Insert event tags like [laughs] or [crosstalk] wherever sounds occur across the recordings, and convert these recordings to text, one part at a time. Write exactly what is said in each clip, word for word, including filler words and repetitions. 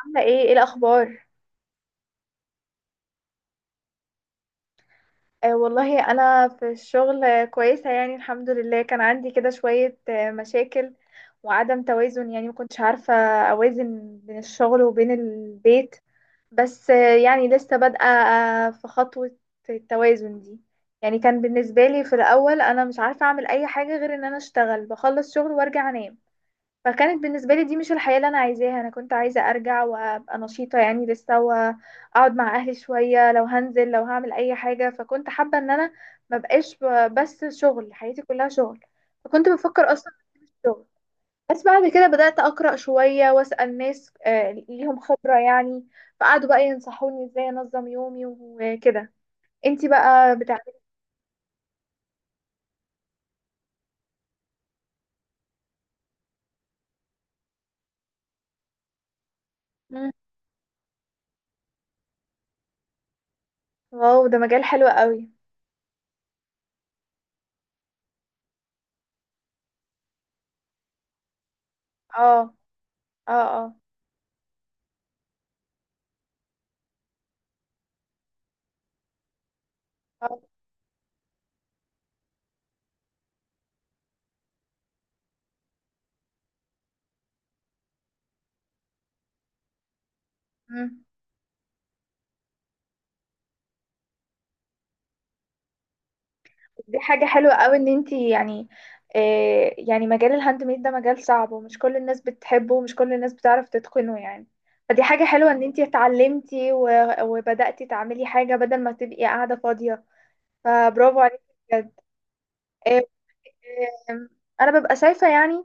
عاملة ايه ايه الأخبار؟ آه والله، أنا في الشغل، آه، كويسة يعني، الحمد لله. كان عندي كده شوية آه، مشاكل وعدم توازن، يعني مكنتش عارفة أوازن بين الشغل وبين البيت. بس آه، يعني لسه بادئة آه، في خطوة التوازن دي. يعني كان بالنسبة لي في الأول أنا مش عارفة أعمل أي حاجة غير إن أنا أشتغل، بخلص شغل وأرجع أنام. فكانت بالنسبة لي دي مش الحياة اللي أنا عايزاها، أنا كنت عايزة أرجع وأبقى نشيطة يعني لسه، وأقعد مع أهلي شوية، لو هنزل لو هعمل أي حاجة. فكنت حابة إن أنا مبقاش ب- بس شغل، حياتي كلها شغل، فكنت بفكر أصلا في الشغل. بس بعد كده بدأت أقرأ شوية وأسأل ناس آه، ليهم خبرة يعني. فقعدوا بقى ينصحوني إزاي أنظم يومي وكده. انتي بقى بتعملي. مم. واو، ده مجال حلو قوي. اه. اه. اه. آه. مم. دي حاجة حلوة قوي ان انتي يعني. آه يعني مجال الهاند ميد ده مجال صعب، ومش كل الناس بتحبه ومش كل الناس بتعرف تتقنه يعني. فدي حاجة حلوة ان انتي اتعلمتي و- وبدأتي تعملي حاجة بدل ما تبقي قاعدة فاضية. فبرافو عليكي بجد. آه، آه، انا ببقى شايفة يعني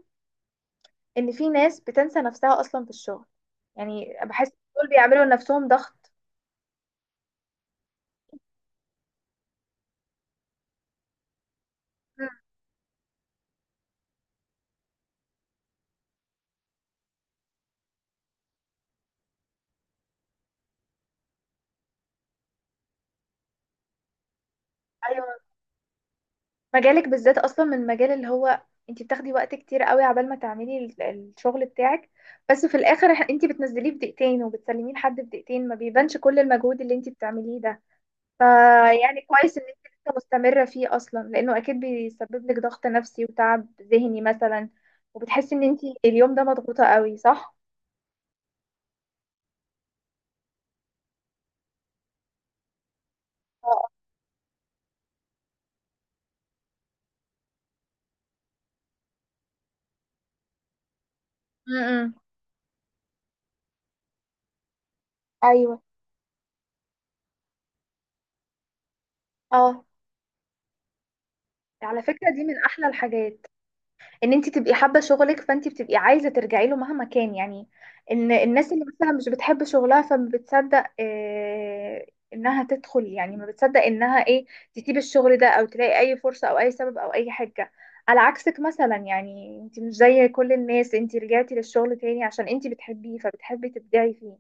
ان في ناس بتنسى نفسها اصلا في الشغل، يعني بحس دول بيعملوا لنفسهم ضغط. مم. ايوه. مجالك بالذات اصلا من المجال اللي هو انت بتاخدي وقت كتير قوي عبال ما تعملي ال- الشغل بتاعك، بس في الاخر إح- انت بتنزليه في دقيقتين وبتسلميه لحد في دقيقتين، ما بيبانش كل المجهود اللي انت بتعمليه ده. فيعني كويس ان انت لسه مستمرة فيه اصلا، لانه اكيد بيسبب لك ضغط نفسي وتعب ذهني مثلا. وبتحسي ان انت اليوم ده مضغوطة قوي، صح؟ اه. م- م. ايوه. اه. على فكرة، دي من احلى الحاجات ان انت تبقي حابه شغلك، فانت بتبقي عايزه ترجعي له مهما كان يعني. ان الناس اللي مثلا مش بتحب شغلها، فما بتصدق آه، انها تدخل، يعني ما بتصدق انها ايه تسيب الشغل ده او تلاقي اي فرصه او اي سبب او اي حاجه. على عكسك مثلا يعني، انت مش زي كل الناس، انت رجعتي للشغل تاني عشان انت بتحبيه فبتحبي تبدعي فيه.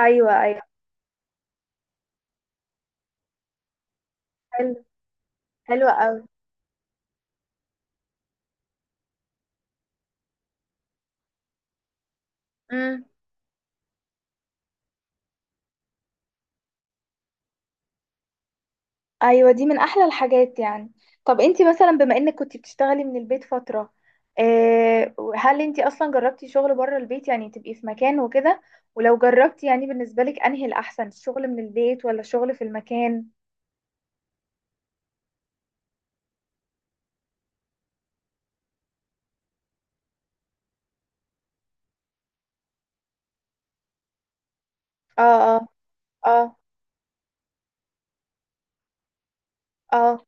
ايوه، ايوه. حلو. حلو قوي. ايوه، دي من احلى الحاجات يعني. طب انتي مثلا، بما انك كنتي بتشتغلي من البيت فتره، آه، هل انتي اصلا جربتي شغل بره البيت يعني تبقي في مكان وكده؟ ولو جربتي يعني، بالنسبه لك انهي الاحسن، الشغل من البيت ولا الشغل في المكان؟ اه. اه. اه. اه.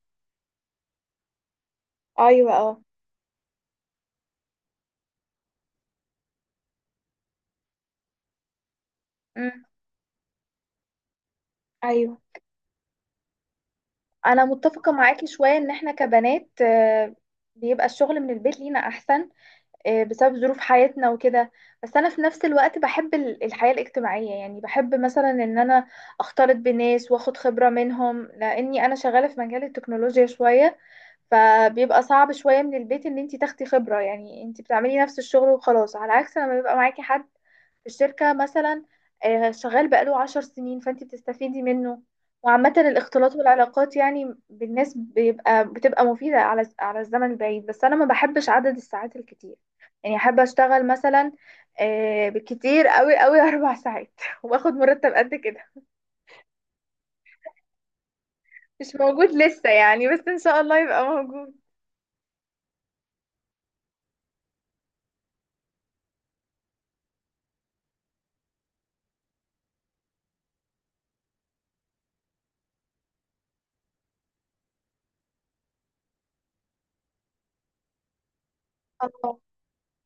ايوه. اه. امم. ايوه. انا متفقه معاكي شويه، ان احنا كبنات آه، بيبقى الشغل من البيت لينا احسن، آه، بسبب ظروف حياتنا وكده. بس انا في نفس الوقت بحب ال- الحياة الاجتماعية، يعني بحب مثلا ان انا اختلط بناس واخد خبرة منهم، لاني انا شغالة في مجال التكنولوجيا شوية. فبيبقى صعب شوية من البيت ان انتي تاخدي خبرة، يعني انتي بتعملي نفس الشغل وخلاص، على عكس لما بيبقى معاكي حد في الشركة مثلا آه، شغال بقاله عشر سنين، فانت بتستفيدي منه. وعامة الاختلاط والعلاقات يعني بالناس، بيبقى بتبقى مفيدة على على الزمن البعيد. بس أنا ما بحبش عدد الساعات الكتير، يعني أحب أشتغل مثلا آه، بالكتير قوي قوي أربع ساعات [laughs] وآخد مرتب قد كده. مش موجود لسه يعني، بس إن شاء الله يبقى موجود.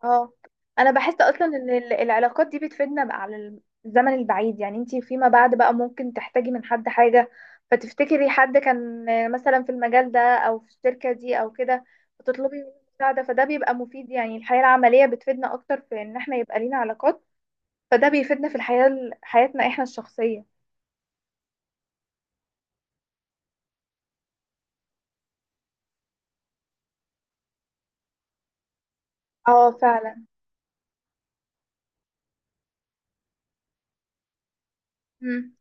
اه. انا بحس اصلا ان ال- العلاقات دي بتفيدنا بقى على الزمن البعيد، يعني انتي فيما بعد بقى ممكن تحتاجي من حد حاجة، فتفتكري حد كان مثلا في المجال ده او في الشركة دي او كده، وتطلبي منه مساعدة. فده بيبقى مفيد، يعني الحياة العملية بتفيدنا اكتر في ان احنا يبقى لينا علاقات. فده بيفيدنا في الحياة، ال- حياتنا احنا الشخصية. اه فعلا. مم.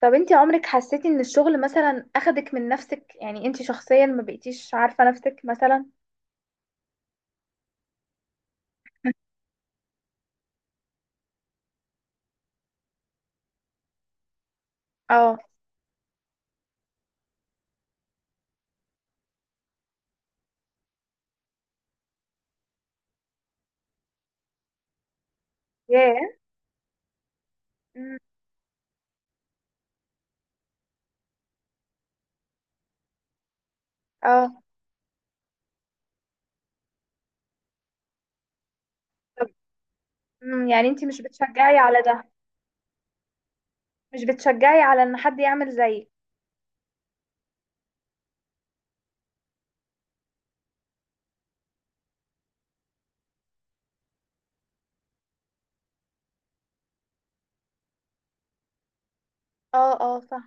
طب انتي عمرك حسيتي ان الشغل مثلا اخدك من نفسك، يعني انتي شخصيا ما بقيتيش عارفة نفسك مثلا؟ [laughs] اه. ياه. اه. طب، مم، يعني انتي مش بتشجعي على ده؟ مش بتشجعي على ان حد يعمل زيك؟ اه. اه صح.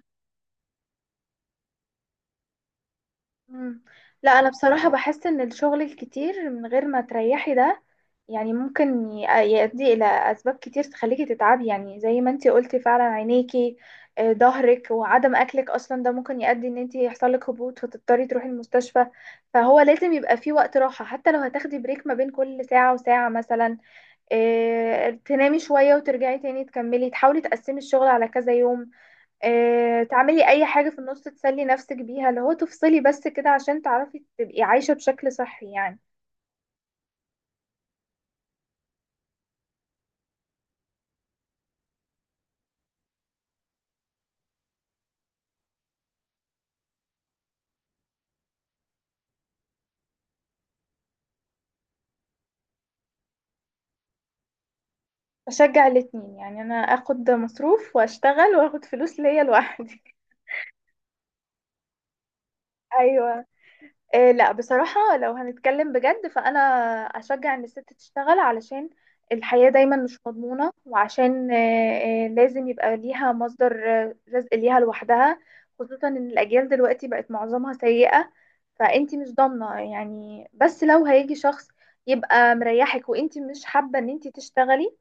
مم. لا انا بصراحة بحس ان الشغل الكتير من غير ما تريحي ده يعني ممكن ي- آه، يؤدي الى اسباب كتير تخليكي تتعبي، يعني زي ما انتي قلتي فعلا عينيكي، آه، ظهرك وعدم اكلك، اصلا ده ممكن يؤدي ان انتي يحصلك هبوط فتضطري تروحي المستشفى. فهو لازم يبقى فيه وقت راحة، حتى لو هتاخدي بريك ما بين كل ساعة وساعة مثلا، آه، تنامي شوية وترجعي تاني تكملي، تحاولي تقسمي الشغل على كذا يوم، آه، تعملي أي حاجة في النص تسلي نفسك بيها، اللي هو تفصلي بس كده عشان تعرفي تبقي عايشة بشكل صحي يعني. بشجع الاتنين يعني، أنا أخد مصروف وأشتغل وأخد فلوس ليا لوحدي. [laughs] أيوة. إيه، لا بصراحة لو هنتكلم بجد فأنا أشجع إن الست تشتغل، علشان الحياة دايما مش مضمونة، وعشان إيه إيه لازم يبقى ليها مصدر آه، رزق ليها لوحدها، خصوصا إن الأجيال دلوقتي بقت معظمها سيئة. فأنتي مش ضامنة يعني. بس لو هيجي شخص يبقى مريحك وأنتي مش حابة إن أنتي تشتغلي،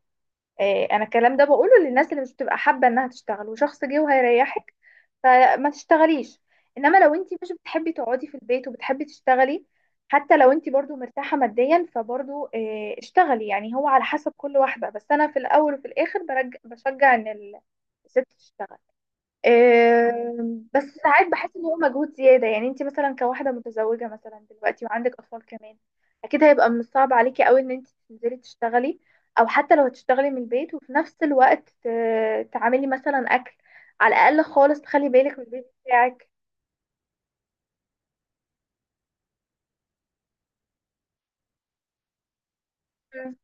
آه، انا الكلام ده بقوله للناس اللي مش بتبقى حابه انها تشتغل وشخص جه وهيريحك، فما تشتغليش. انما لو انت مش بتحبي تقعدي في البيت وبتحبي تشتغلي، حتى لو انت برضو مرتاحه ماديا فبرضو آه، اشتغلي، يعني هو على حسب كل واحده. بس انا في الاول وفي الاخر برج... بشجع ان ال- الست تشتغل. آم، بس ساعات بحس ان هو مجهود زياده، يعني انت مثلا كواحده متزوجه مثلا دلوقتي وعندك اطفال كمان، اكيد هيبقى من الصعب عليكي قوي ان انت تنزلي تشتغلي، او حتى لو هتشتغلي من البيت وفي نفس الوقت آه، تعملي مثلا اكل، على الاقل خالص تخلي بالك من البيت بتاعك. مم.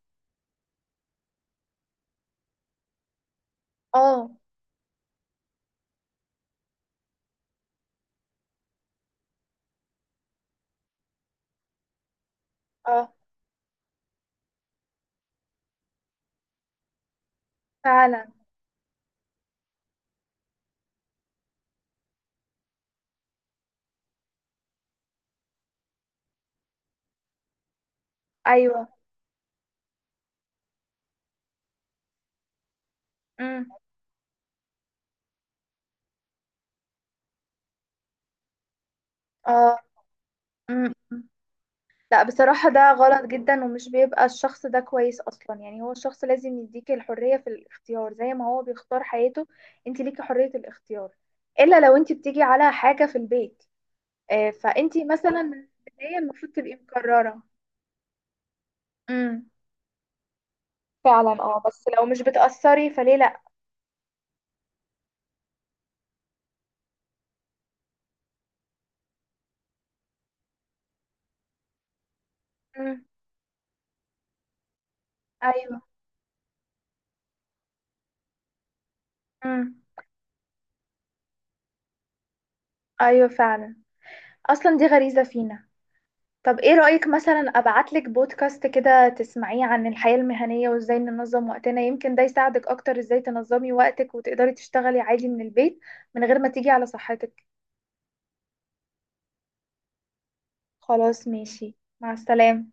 اه. اه فعلا. ايوه. مم. اه. مم. لا بصراحة ده غلط جدا، ومش بيبقى الشخص ده كويس أصلا، يعني هو الشخص لازم يديك الحرية في الاختيار زي ما هو بيختار حياته، انت ليكي حرية الاختيار. إلا لو انت بتيجي على حاجة في البيت، آه، فانت مثلا من البداية المفروض تبقي مقررة. امم. فعلا. اه بس لو مش بتأثري فليه لأ. امم. أيوه. امم. أيوه فعلا، أصلا دي غريزة فينا. طب ايه رأيك مثلا ابعتلك بودكاست كده تسمعيه عن الحياة المهنية وازاي ننظم وقتنا، يمكن ده يساعدك اكتر ازاي تنظمي وقتك وتقدري تشتغلي عادي من البيت من غير ما تيجي على صحتك. خلاص ماشي. مع السلامة.